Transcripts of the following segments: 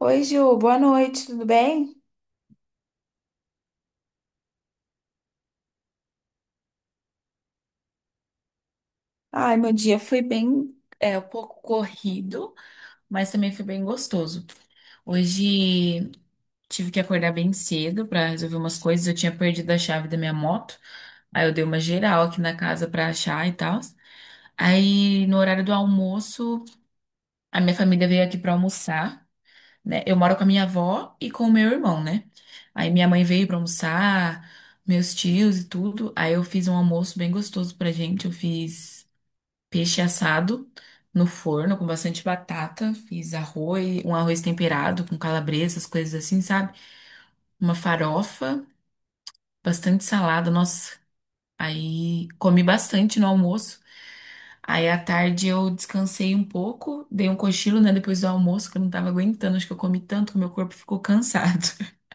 Oi, Ju, boa noite, tudo bem? Ai, meu dia foi bem, Do, mas gostoso. Hoje tive que acordar bem cedo para resolver umas coisas. Eu tinha perdido a chave da minha moto. Aí eu dei uma geral aqui na casa para achar e tal. Aí no horário do almoço, a minha família veio aqui para almoçar, né? Eu moro com a minha avó e com o meu irmão, né? Aí minha mãe veio para almoçar, meus tios e tudo. Aí eu fiz um almoço bem gostoso pra gente. Eu fiz peixe assado no forno com bastante batata. Fiz arroz, um arroz temperado com calabresa, as coisas assim, sabe? Uma farofa, bastante salada. Nossa, aí comi bastante no almoço. Aí à tarde eu descansei um pouco, dei um cochilo, né, depois do almoço, que eu não tava aguentando, acho que eu comi tanto que meu corpo ficou cansado.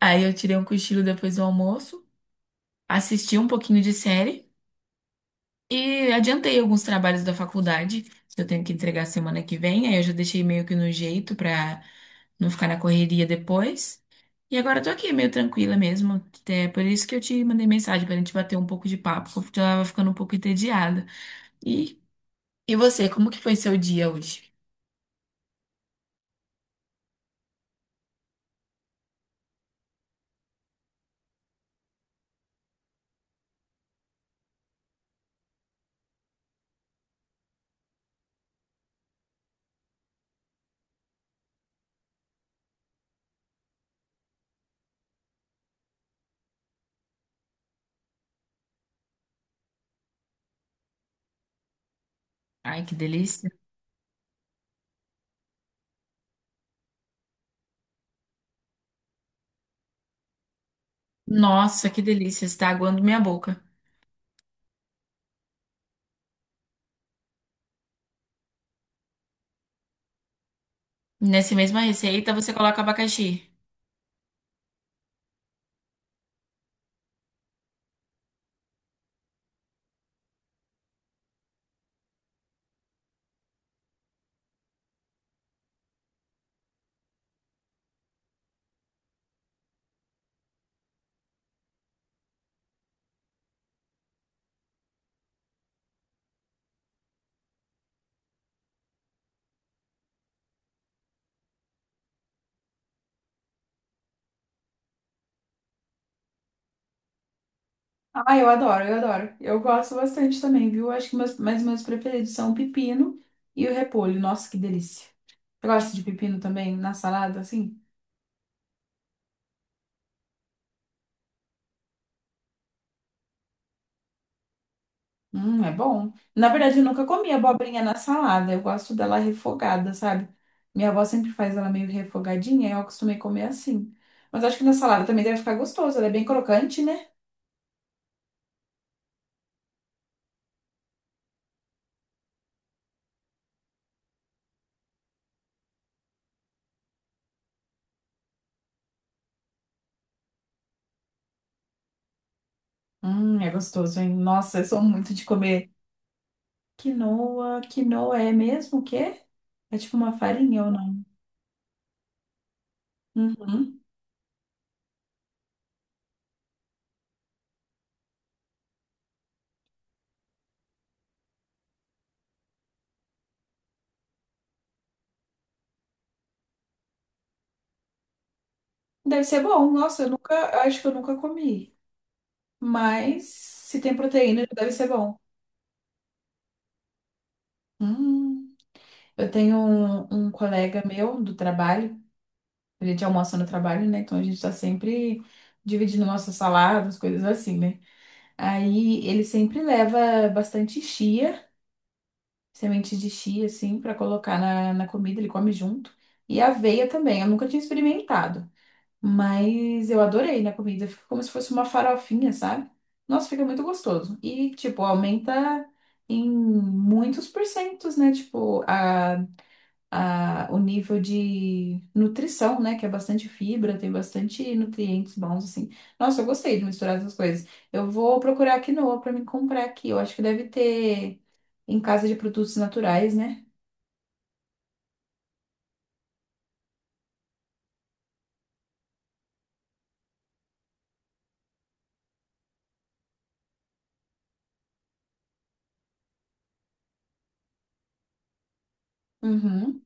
Aí eu tirei um cochilo depois do almoço, assisti um pouquinho de série. E adiantei alguns trabalhos da faculdade, que eu tenho que entregar semana que vem, aí eu já deixei meio que no jeito pra não ficar na correria depois. E agora eu tô aqui meio tranquila mesmo. É por isso que eu te mandei mensagem pra gente bater um pouco de papo, porque eu tava ficando um pouco entediada. E, e você, como que foi seu dia hoje? Ai, que delícia. Nossa, que delícia, está aguando minha boca. Nessa mesma receita você coloca abacaxi? Ah, eu adoro. Eu gosto bastante também, viu? Acho que meus preferidos são o pepino e o repolho. Nossa, que delícia. Eu gosto de pepino também na salada, assim. É bom. Na verdade, eu nunca comi abobrinha na salada. Eu gosto dela refogada, sabe? Minha avó sempre faz ela meio refogadinha, e eu acostumei comer assim. Mas acho que na salada também deve ficar gostoso. Ela é bem crocante, né? É gostoso, hein? Nossa, eu sou muito de comer. Quinoa, quinoa é mesmo o quê? É tipo uma farinha ou não? Uhum. Deve ser bom. Nossa, eu nunca, eu acho que eu nunca comi. Mas se tem proteína, deve ser bom. Hum. Eu tenho um colega meu do trabalho, a gente almoça no trabalho, né? Então a gente tá sempre dividindo nossas saladas, coisas assim, né? Aí ele sempre leva bastante chia, semente de chia, assim, pra colocar na comida, ele come junto. E aveia também, eu nunca tinha experimentado. Mas eu adorei na comida. Fica como se fosse uma farofinha, sabe? Nossa, fica muito gostoso. E, tipo, aumenta em muitos porcentos, né? Tipo, o nível de nutrição, né? Que é bastante fibra, tem bastante nutrientes bons, assim. Nossa, eu gostei de misturar essas coisas. Eu vou procurar quinoa pra me comprar aqui. Eu acho que deve ter em casa de produtos naturais, né? Uhum.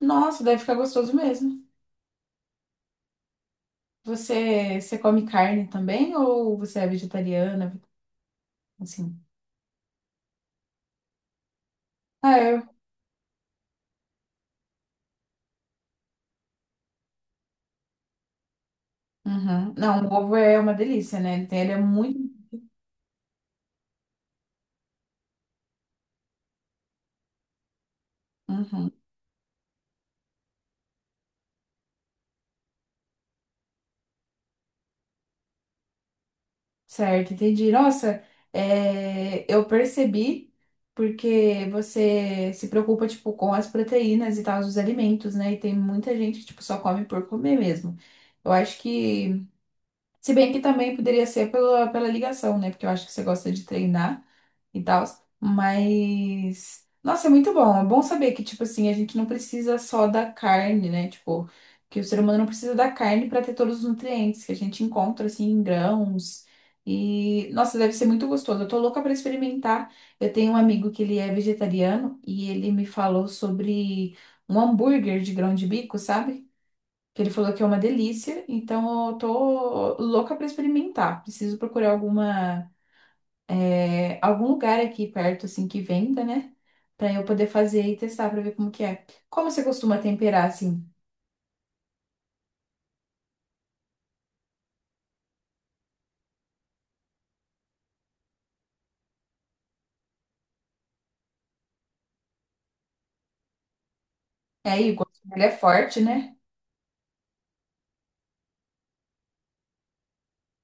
Nossa, deve ficar gostoso mesmo. Você come carne também ou você é vegetariana? Assim. Ah, eu. Uhum. Não, o ovo é uma delícia, né? Então, ele é muito. Uhum. Certo, entendi. Nossa, é, eu percebi porque você se preocupa, tipo, com as proteínas e tal, dos alimentos, né? E tem muita gente que, tipo, só come por comer mesmo. Eu acho que. Se bem que também poderia ser pela ligação, né? Porque eu acho que você gosta de treinar. E tal. Mas, nossa, é muito bom. É bom saber que, tipo assim, a gente não precisa só da carne, né? Tipo, que o ser humano não precisa da carne para ter todos os nutrientes que a gente encontra, assim, em grãos. E, nossa, deve ser muito gostoso. Eu tô louca para experimentar. Eu tenho um amigo que ele é vegetariano e ele me falou sobre um hambúrguer de grão de bico, sabe? Que ele falou que é uma delícia. Então, eu tô louca para experimentar. Preciso procurar alguma é, algum lugar aqui perto, assim, que venda, né? Pra eu poder fazer e testar pra ver como que é. Como você costuma temperar, assim? É aí, o gosto dele é forte, né?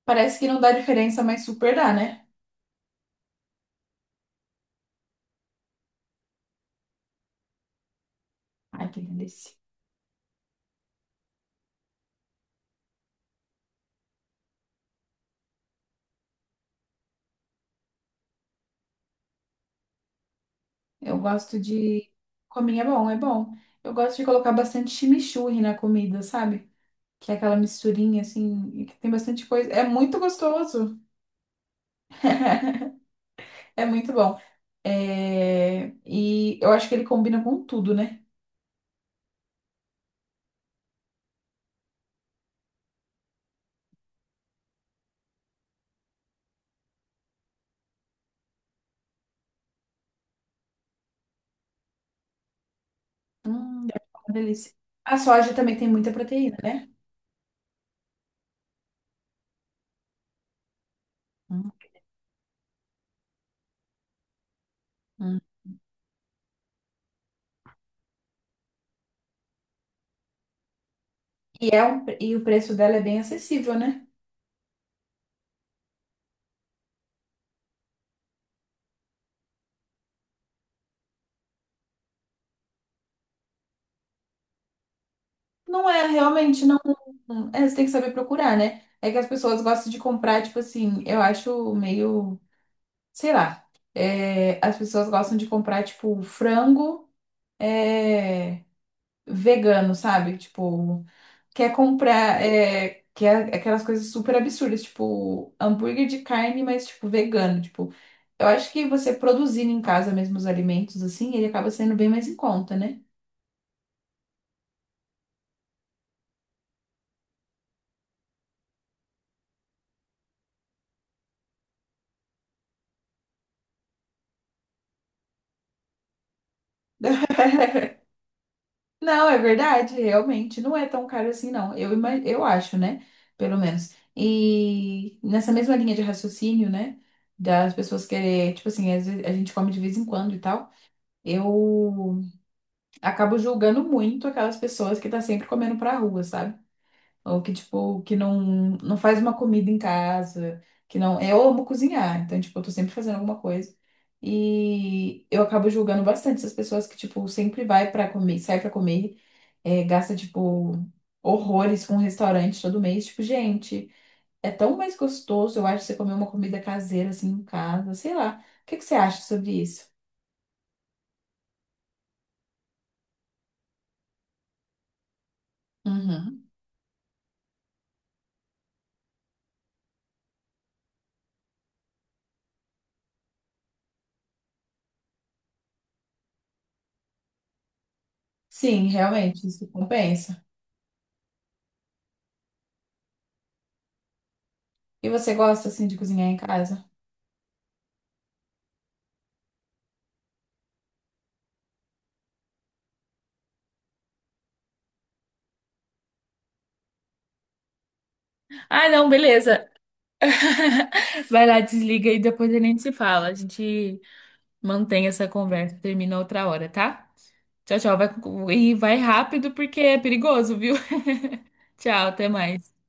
Parece que não dá diferença, mas super dá, né? Ai, que delícia. Eu gosto de... Cominho é bom, é bom. Eu gosto de colocar bastante chimichurri na comida, sabe? Que é aquela misturinha, assim, e que tem bastante coisa. É muito gostoso. É muito bom. É, e eu acho que ele combina com tudo, né? Deve ficar uma delícia. A soja também tem muita proteína, né? Hum, hum. E o preço dela é bem acessível, né? Não é realmente, não. É, você tem que saber procurar, né? É que as pessoas gostam de comprar, tipo assim, eu acho meio, sei lá. É, as pessoas gostam de comprar, tipo, frango. É, vegano, sabe? Tipo, quer comprar, é, quer aquelas coisas super absurdas, tipo, hambúrguer de carne, mas, tipo, vegano. Tipo, eu acho que você produzindo em casa mesmo os alimentos, assim, ele acaba sendo bem mais em conta, né? Não, é verdade, realmente. Não é tão caro assim, não. Eu, ima- eu acho, né? Pelo menos. E nessa mesma linha de raciocínio, né? Das pessoas que, tipo assim, às vezes a gente come de vez em quando e tal. Eu acabo julgando muito aquelas pessoas que tá sempre comendo pra rua, sabe? Ou que, tipo, que não faz uma comida em casa, que não... Eu amo cozinhar, então, tipo, eu tô sempre fazendo alguma coisa. E eu acabo julgando bastante essas pessoas que, tipo, sempre vai pra comer, sai pra comer, é, gasta, tipo, horrores com restaurante todo mês. Tipo, gente, é tão mais gostoso, eu acho, você comer uma comida caseira, assim, em casa, sei lá. O que que você acha sobre isso? Uhum. Sim, realmente, isso compensa. E você gosta assim de cozinhar em casa? Ah, não, beleza. Vai lá, desliga e depois a gente se fala. A gente mantém essa conversa, termina outra hora, tá? Tchau, tchau. Vai, e vai rápido porque é perigoso, viu? Tchau, até mais.